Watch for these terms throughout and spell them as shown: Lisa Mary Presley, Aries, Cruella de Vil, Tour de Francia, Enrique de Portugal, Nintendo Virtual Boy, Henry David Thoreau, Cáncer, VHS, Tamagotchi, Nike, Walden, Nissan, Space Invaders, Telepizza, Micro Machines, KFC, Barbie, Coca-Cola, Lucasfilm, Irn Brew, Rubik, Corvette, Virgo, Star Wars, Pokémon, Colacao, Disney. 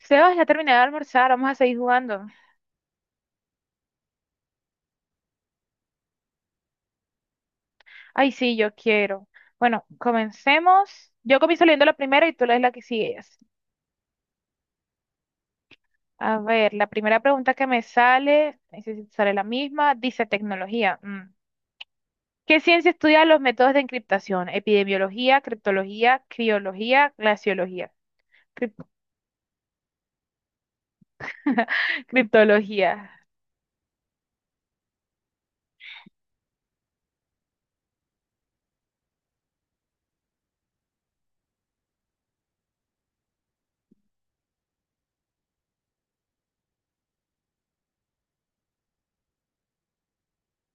Sebas, ya terminé de almorzar, vamos a seguir jugando. Ay, sí, yo quiero. Bueno, comencemos. Yo comienzo leyendo la primera y tú lees la que sigues. A ver, la primera pregunta que me sale, no sé si te sale la misma, dice tecnología. Mm. ¿Qué ciencia estudia los métodos de encriptación? Epidemiología, criptología, criología, glaciología. Crip- criptología.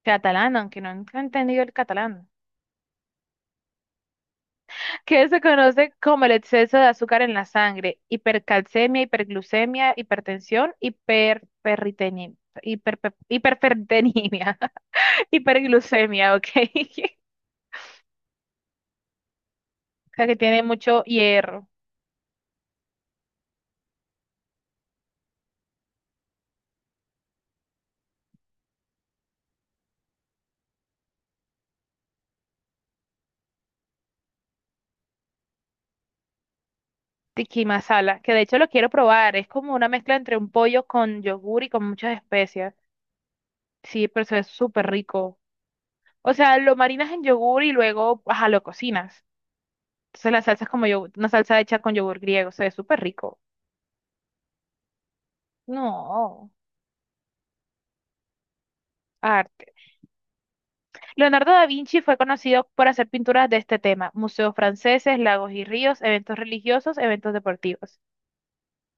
Catalán, aunque no he entendido el catalán. Que se conoce como el exceso de azúcar en la sangre, hipercalcemia, hiperglucemia, hipertensión, hiperferritenimia, hiperferritenimia, hiperglucemia, ok. O sea, que tiene mucho hierro. Tiki masala, que de hecho lo quiero probar, es como una mezcla entre un pollo con yogur y con muchas especias. Sí, pero eso es súper rico. O sea, lo marinas en yogur y luego, ajá, lo cocinas. Entonces la salsa es como yogur, una salsa hecha con yogur griego, se ve súper rico. No, arte. Leonardo da Vinci fue conocido por hacer pinturas de este tema, museos franceses, lagos y ríos, eventos religiosos, eventos deportivos.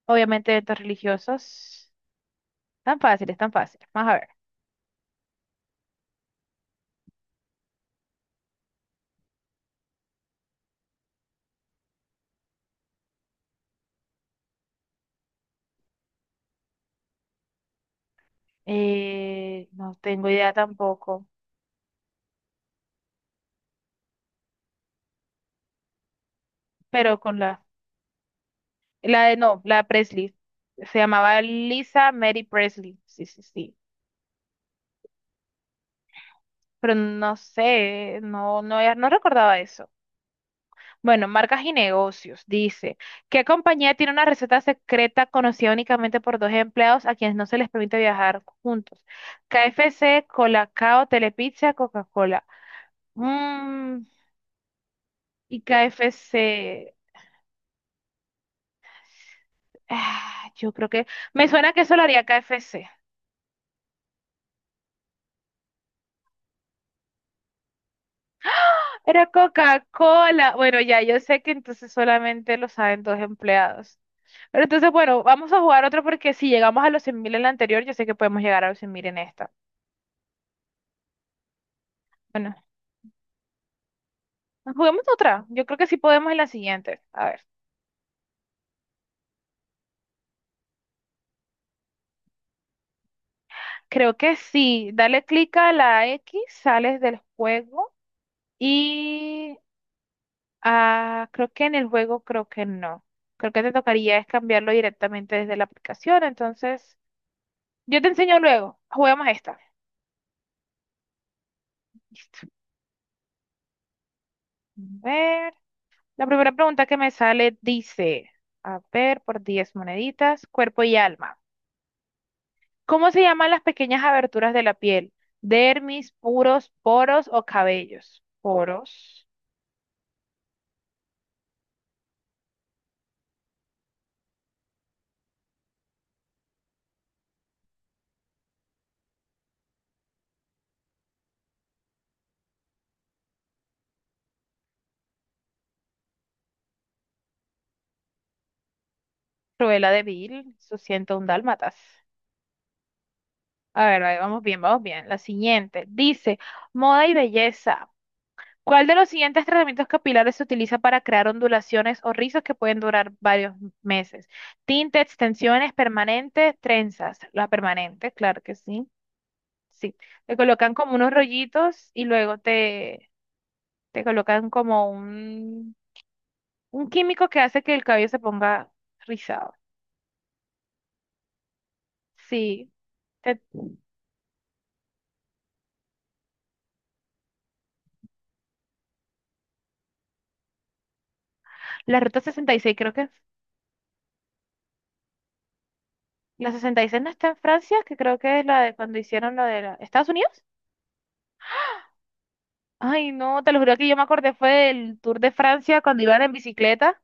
Obviamente eventos religiosos. Tan fáciles, tan fáciles. Vamos a ver. No tengo idea tampoco, pero con la de, no, la Presley. Se llamaba Lisa Mary Presley. Sí, sí, sí. Pero no sé, no recordaba eso. Bueno, marcas y negocios. Dice, ¿qué compañía tiene una receta secreta conocida únicamente por dos empleados a quienes no se les permite viajar juntos? KFC, Colacao, Telepizza, Coca-Cola. Mm, y KFC. Ah, yo creo que me suena que eso lo haría KFC. Era Coca-Cola. Bueno, ya yo sé que entonces solamente lo saben dos empleados. Pero entonces, bueno, vamos a jugar otro porque si llegamos a los 100.000 en la anterior, yo sé que podemos llegar a los 100.000 en esta. Bueno. Nos jugamos otra. Yo creo que sí podemos en la siguiente. A ver. Creo que sí. Dale clic a la X, sales del juego. Y creo que en el juego creo que no. Creo que te tocaría es cambiarlo directamente desde la aplicación. Entonces, yo te enseño luego. Juguemos esta. A ver. La primera pregunta que me sale dice, a ver, por 10 moneditas, cuerpo y alma. ¿Cómo se llaman las pequeñas aberturas de la piel? Dermis, puros, poros o cabellos. Poros. Cruella de Vil, su un dálmatas. A ver, ahí vamos bien, vamos bien. La siguiente dice, moda y belleza. ¿Cuál de los siguientes tratamientos capilares se utiliza para crear ondulaciones o rizos que pueden durar varios meses? Tinte, extensiones, permanente, trenzas. La permanente, claro que sí. Sí. Te colocan como unos rollitos y luego te colocan como un químico que hace que el cabello se ponga rizado. Sí. Te- La ruta 66, creo que es. La 66 no está en Francia, que creo que es la de cuando hicieron lo de Estados Unidos. Ay, no, te lo juro que yo me acordé fue del Tour de Francia cuando iban en bicicleta.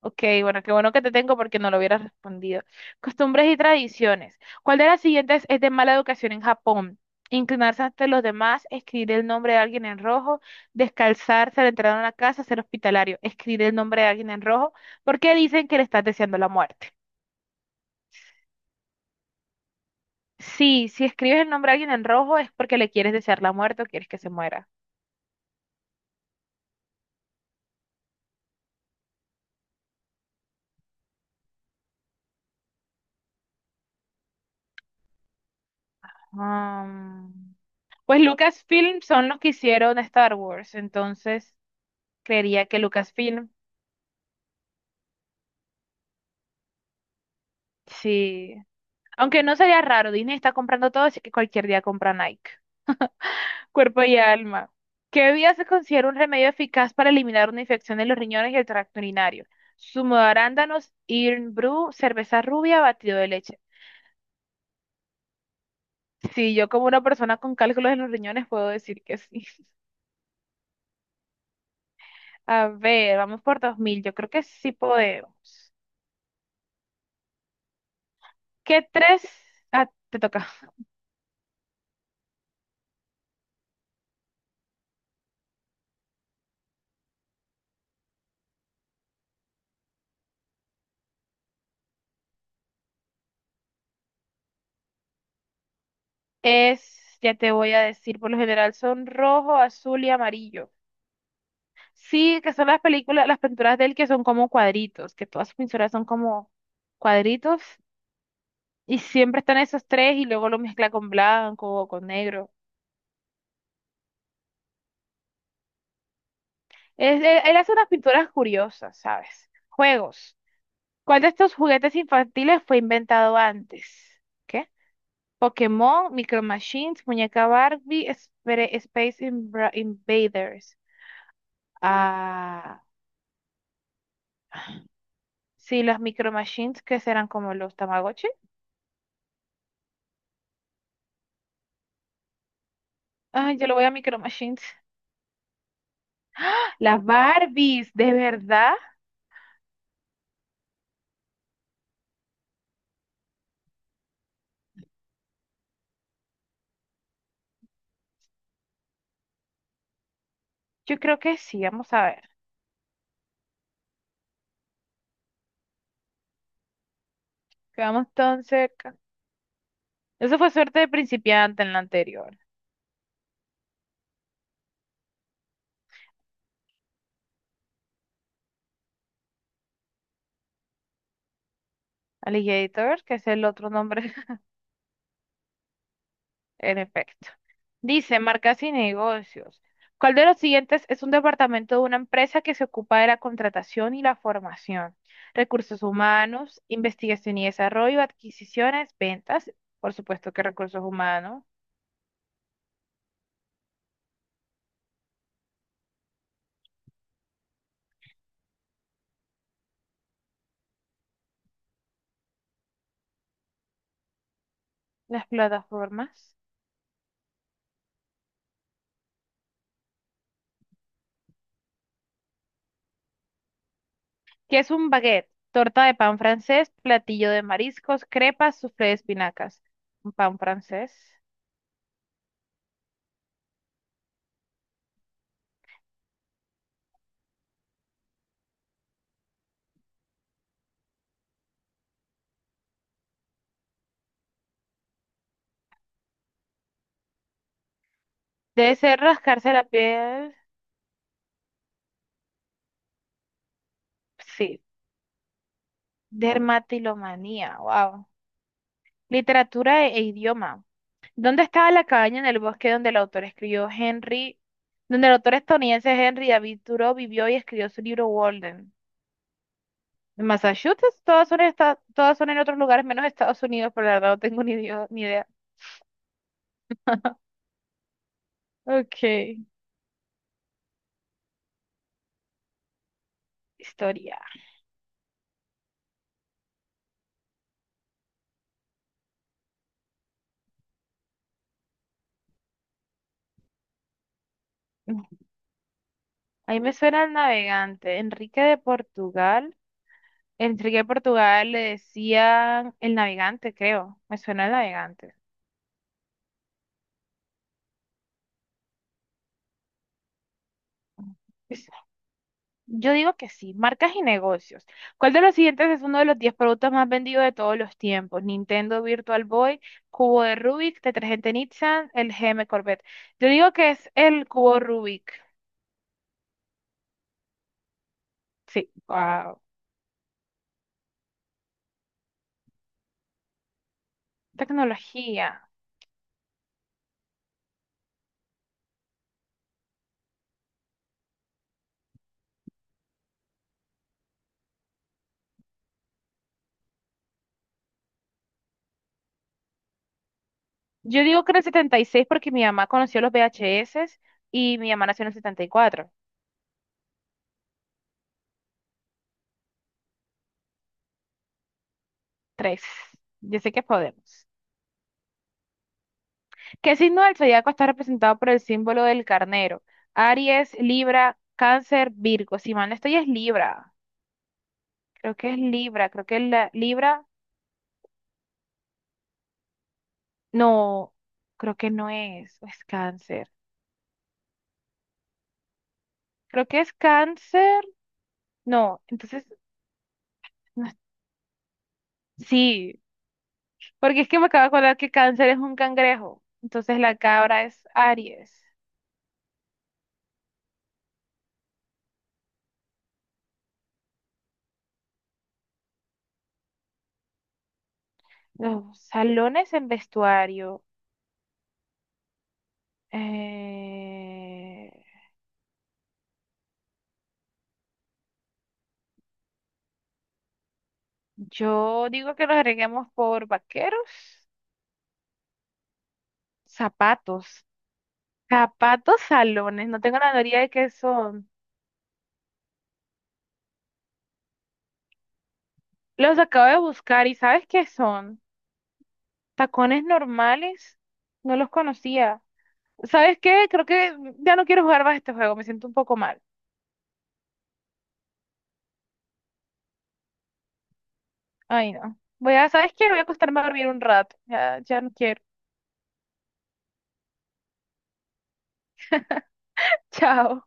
Ok, bueno, qué bueno que te tengo porque no lo hubieras respondido. Costumbres y tradiciones. ¿Cuál de las siguientes es de mala educación en Japón? Inclinarse ante los demás, escribir el nombre de alguien en rojo, descalzarse al entrar a una casa, ser hospitalario, escribir el nombre de alguien en rojo, porque dicen que le estás deseando la muerte. Sí, si escribes el nombre de alguien en rojo es porque le quieres desear la muerte o quieres que se muera. Ah, pues Lucasfilm son los que hicieron Star Wars, entonces creería que Lucasfilm, sí. Aunque no sería raro, Disney está comprando todo, así que cualquier día compra Nike. Cuerpo y alma. ¿Qué bebida se considera un remedio eficaz para eliminar una infección de los riñones y el tracto urinario? Zumo de arándanos, Irn Brew, cerveza rubia, batido de leche. Sí, yo como una persona con cálculos en los riñones puedo decir que sí. A ver, vamos por 2000. Yo creo que sí podemos. ¿Qué tres? Ah, te toca. Es, ya te voy a decir, por lo general son rojo, azul y amarillo. Sí, que son las películas, las pinturas de él que son como cuadritos, que todas sus pinturas son como cuadritos y siempre están esos tres y luego lo mezcla con blanco o con negro. Él hace unas pinturas curiosas, ¿sabes? Juegos. ¿Cuál de estos juguetes infantiles fue inventado antes? ¿Qué? Pokémon, Micro Machines, Muñeca Barbie, Space Invaders. Ah, sí, los Micro Machines que serán como los Tamagotchi. Ay, yo lo voy a Micro Machines. Las Barbies, ¿de verdad? Yo creo que sí, vamos a ver. Quedamos tan cerca. Eso fue suerte de principiante en la anterior. Alligator, que es el otro nombre, en efecto. Dice, marcas y negocios. ¿Cuál de los siguientes es un departamento de una empresa que se ocupa de la contratación y la formación? Recursos humanos, investigación y desarrollo, adquisiciones, ventas, por supuesto que recursos humanos, las plataformas. ¿Qué es un baguette? Torta de pan francés, platillo de mariscos, crepas, soufflé de espinacas. Un pan francés. Debe ser rascarse la piel. Sí. Dermatilomanía. Wow. Literatura e idioma. ¿Dónde estaba la cabaña en el bosque donde el autor escribió Henry, donde el autor estadounidense Henry David Thoreau vivió y escribió su libro Walden? ¿En Massachusetts? Todas son, todas son en otros lugares menos Estados Unidos, pero la verdad no tengo ni idea. Ok. Historia. Ahí me suena el navegante. Enrique de Portugal. Enrique de Portugal le decían el navegante, creo. Me suena el navegante. Es- Yo digo que sí. Marcas y negocios. ¿Cuál de los siguientes es uno de los 10 productos más vendidos de todos los tiempos? Nintendo Virtual Boy, cubo de Rubik, detergente Nissan, el GM Corvette. Yo digo que es el cubo Rubik. Sí. Wow. Tecnología. Yo digo que era el 76 porque mi mamá conoció los VHS y mi mamá nació en el 74. Tres. Yo sé que podemos. ¿Qué signo del zodiaco está representado por el símbolo del carnero? Aries, Libra, Cáncer, Virgo. Si mal no estoy, es Libra. Creo que es Libra. Creo que es la Libra. No, creo que no es, o es Cáncer. Creo que es Cáncer. No, entonces. No es- Sí, porque es que me acabo de acordar que Cáncer es un cangrejo. Entonces la cabra es Aries. Los salones en vestuario. Eh, Yo digo que los agreguemos por vaqueros, zapatos, zapatos salones. No tengo la teoría de qué son. Los acabo de buscar y ¿sabes qué son? Tacones normales. No los conocía. ¿Sabes qué? Creo que ya no quiero jugar más este juego. Me siento un poco mal. Ay, no. Voy a, ¿sabes qué? Voy a acostarme a dormir un rato. Ya, ya no quiero. Chao.